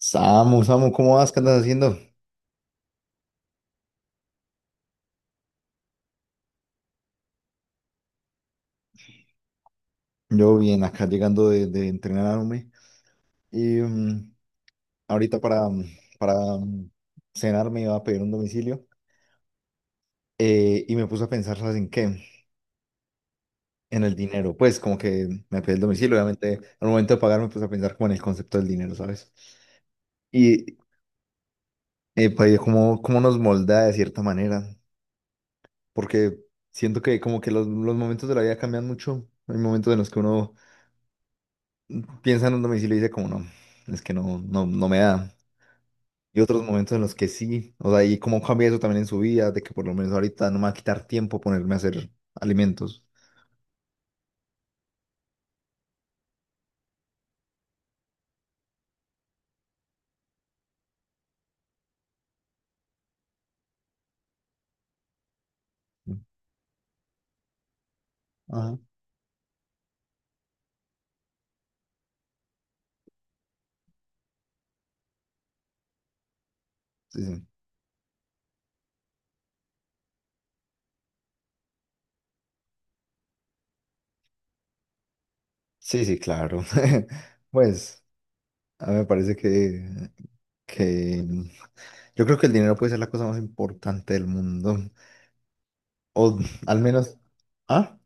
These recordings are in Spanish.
Samu, Samu, ¿cómo vas? ¿Qué andas haciendo? Yo bien, acá llegando de entrenarme. Y ahorita para, para cenar me iba a pedir un domicilio. Y me puse a pensar, ¿sabes en qué? En el dinero. Pues como que me pedí el domicilio, obviamente al momento de pagar me puse a pensar como en el concepto del dinero, ¿sabes? Y pues, cómo nos moldea de cierta manera. Porque siento que como que los momentos de la vida cambian mucho. Hay momentos en los que uno piensa en un domicilio y dice como no. Es que no, no me da. Y otros momentos en los que sí, o sea, y cómo cambia eso también en su vida, de que por lo menos ahorita no me va a quitar tiempo ponerme a hacer alimentos. Ajá. Sí, sí, sí, sí, claro. Pues, a mí me parece que yo creo que el dinero puede ser la cosa más importante del mundo, o al menos, ah,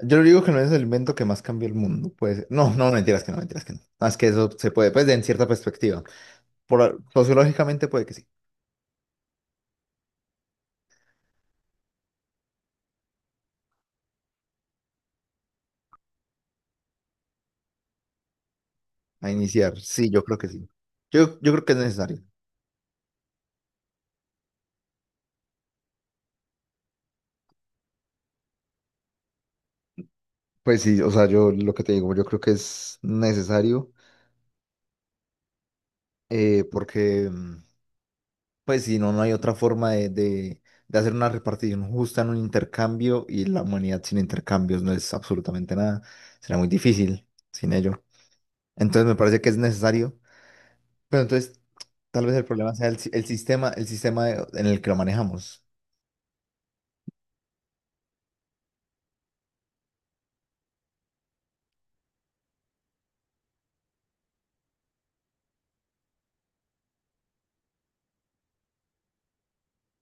yo digo que no es el invento que más cambia el mundo, pues, no, mentiras que no, mentiras que no, más que eso se puede, pues, de en cierta perspectiva, sociológicamente puede que sí. A iniciar. Sí, yo creo que sí. Yo creo que es necesario. Pues sí, o sea, yo lo que te digo, yo creo que es necesario. Porque, pues, si no, no hay otra forma de de- hacer una repartición justa en un intercambio y la humanidad sin intercambios no es absolutamente nada. Será muy difícil sin ello. Entonces, me parece que es necesario. Pero entonces, tal vez el problema sea el, si- el sistema de- en el que lo manejamos.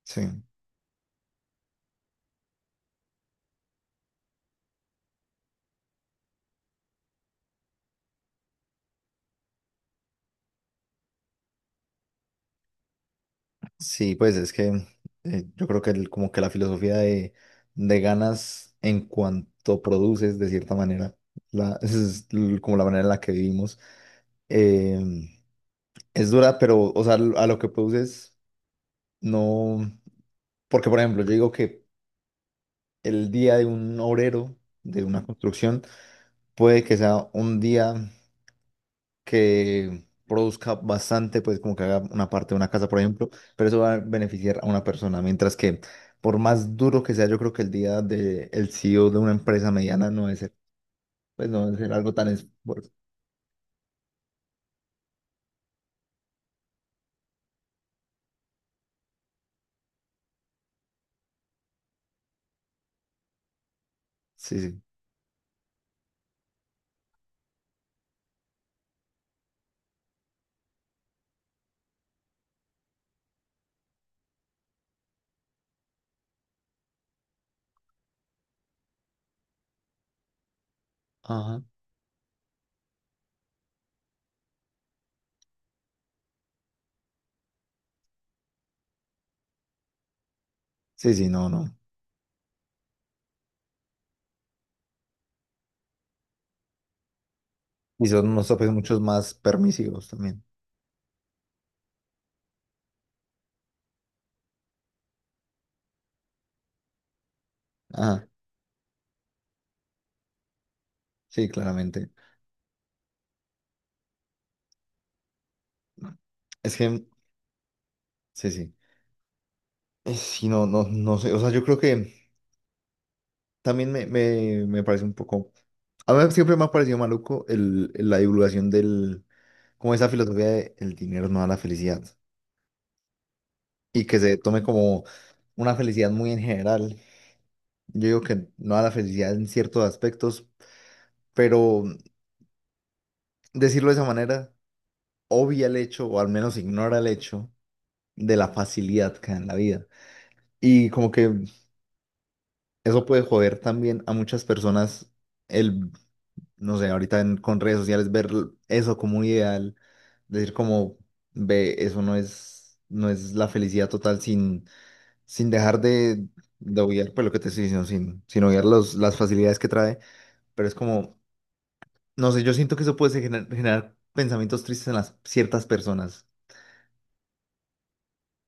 Sí. Sí, pues es que yo creo que el- como que la filosofía de ganas en cuanto produces, de cierta manera, la, es l- como la manera en la que vivimos, em, es dura, pero, o sea, l- a lo que produces, no, porque por ejemplo, yo digo que el día de un obrero, de una construcción, puede que sea un día que produzca bastante, pues como que haga una parte de una casa, por ejemplo, pero eso va a beneficiar a una persona, mientras que por más duro que sea, yo creo que el día de el CEO de una empresa mediana no debe ser, pues no debe ser algo tan esfuerzo. Sí, sí. Ajá. Sí, sí, no, no. Y son unos topes muchos más permisivos también. Ajá. Sí, claramente. Es que, sí, sí. Sí, no, no, no sé. O sea, yo creo que también me parece un poco a mí siempre me ha parecido maluco la divulgación del, como esa filosofía de el dinero no da la felicidad y que se tome como una felicidad muy en general. Yo digo que no da la felicidad en ciertos aspectos, pero decirlo de esa manera obvia el hecho o al menos ignora el hecho de la facilidad que da en la vida. Y como que eso puede joder también a muchas personas. No sé, ahorita en- con redes sociales ver eso como un ideal, decir como, ve, eso no es, no es la felicidad total sin, sin dejar de obviar, pues lo que te estoy diciendo, sin obviar los, las facilidades que trae, pero es como, no sé, yo siento que eso puede ser gener- generar pensamientos tristes en las ciertas personas.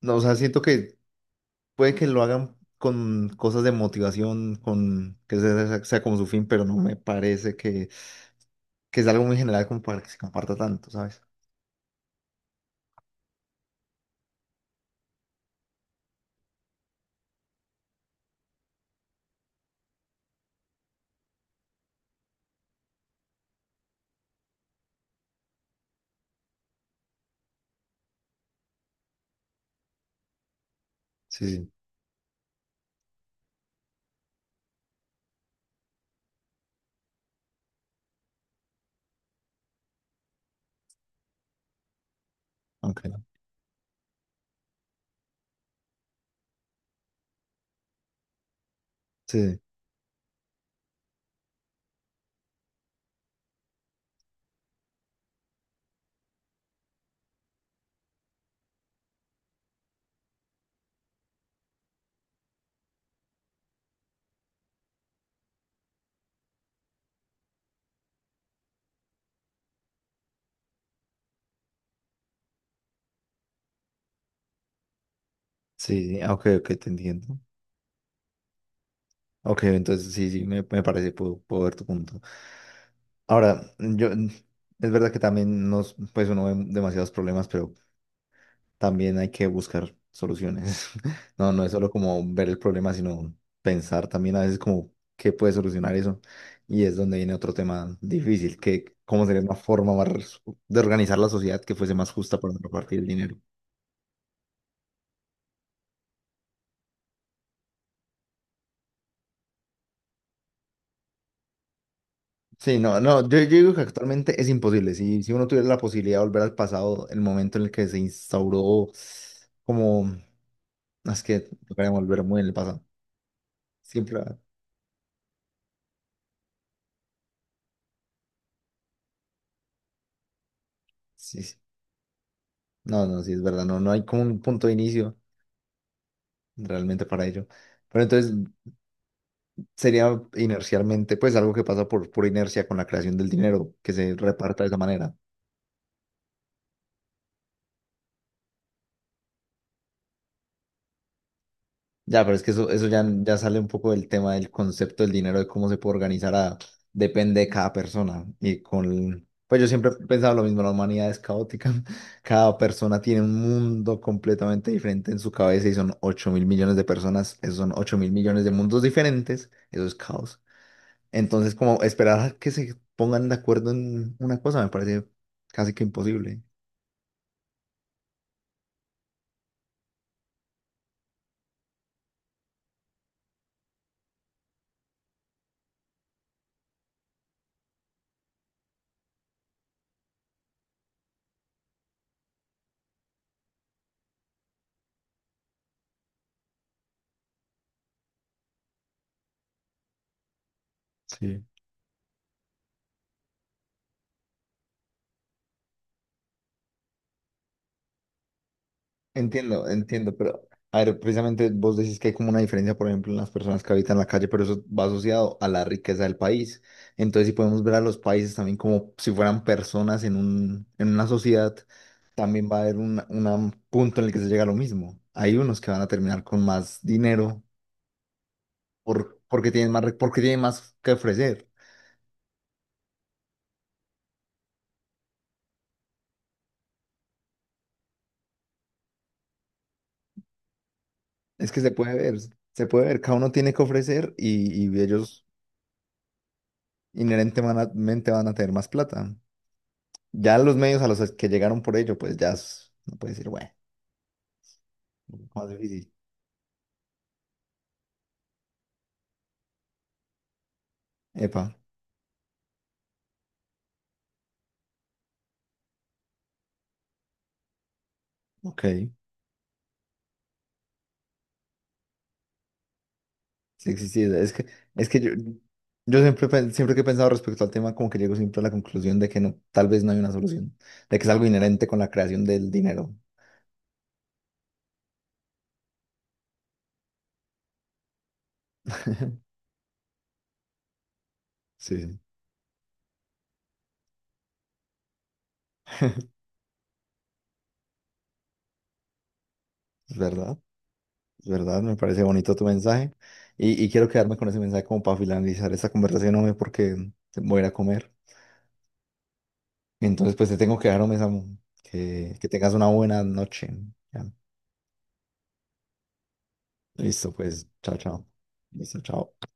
No, o sea, siento que puede que lo hagan con cosas de motivación, con que sea, sea como su fin, pero no me parece que es algo muy general como para que se comparta tanto, ¿sabes? Sí, sí. Ok. Sí, sí, sí, ah, ok, ok, te entiendo. Ok, entonces sí, sí, me parece, puedo ver tu punto. Ahora, yo, es verdad que también nos, pues uno ve demasiados problemas, pero también hay que buscar soluciones. No es solo como ver el problema, sino pensar también a veces como qué puede solucionar eso. Y es donde viene otro tema difícil, que cómo sería una forma más de organizar la sociedad que fuese más justa para repartir el dinero. Sí, no, no, yo digo que actualmente es imposible. Si, si uno tuviera la posibilidad de volver al pasado, el momento en el que se instauró como, "No, es que tocaría volver muy en el pasado. Siempre, va- sí, sí. No, no, sí, es verdad, no, no hay como un punto de inicio realmente para ello. Pero entonces sería inercialmente, pues algo que pasa por inercia con la creación del dinero, que se reparta de esa manera. Ya, pero es que eso ya, ya sale un poco del tema del concepto del dinero, de cómo se puede organizar, a- depende de cada persona. Y con, pues yo siempre he pensado lo mismo, la humanidad es caótica, cada persona tiene un mundo completamente diferente en su cabeza y son 8.000 millones de personas, esos son 8.000 millones de mundos diferentes, eso es caos. Entonces, como esperar a que se pongan de acuerdo en una cosa me parece casi que imposible. Sí. Entiendo, entiendo, pero a ver, precisamente vos decís que hay como una diferencia, por ejemplo, en las personas que habitan la calle, pero eso va asociado a la riqueza del país. Entonces, si podemos ver a los países también como si fueran personas en un, en una sociedad, también va a haber un punto en el que se llega a lo mismo. Hay unos que van a terminar con más dinero por, porque tienen más, re- porque tienen más que ofrecer. Es que se puede ver, cada uno tiene que ofrecer y ellos inherentemente van a tener más plata. Ya los medios a los que llegaron por ello, pues ya es- no puede decir, bueno, más difícil. Epa, ok. Sí, sí, sí. Es que yo siempre, pen- siempre que he pensado respecto al tema, como que llego siempre a la conclusión de que no, tal vez no hay una solución, de que es algo inherente con la creación del dinero. Sí, sí. Es verdad, es verdad, me parece bonito tu mensaje. Y quiero quedarme con ese mensaje como para finalizar esta conversación, hombre, porque voy a ir a comer. Entonces, pues te tengo que dejar, hombre, Samu. Que tengas una buena noche. Ya. Listo, pues, chao. Listo, chao.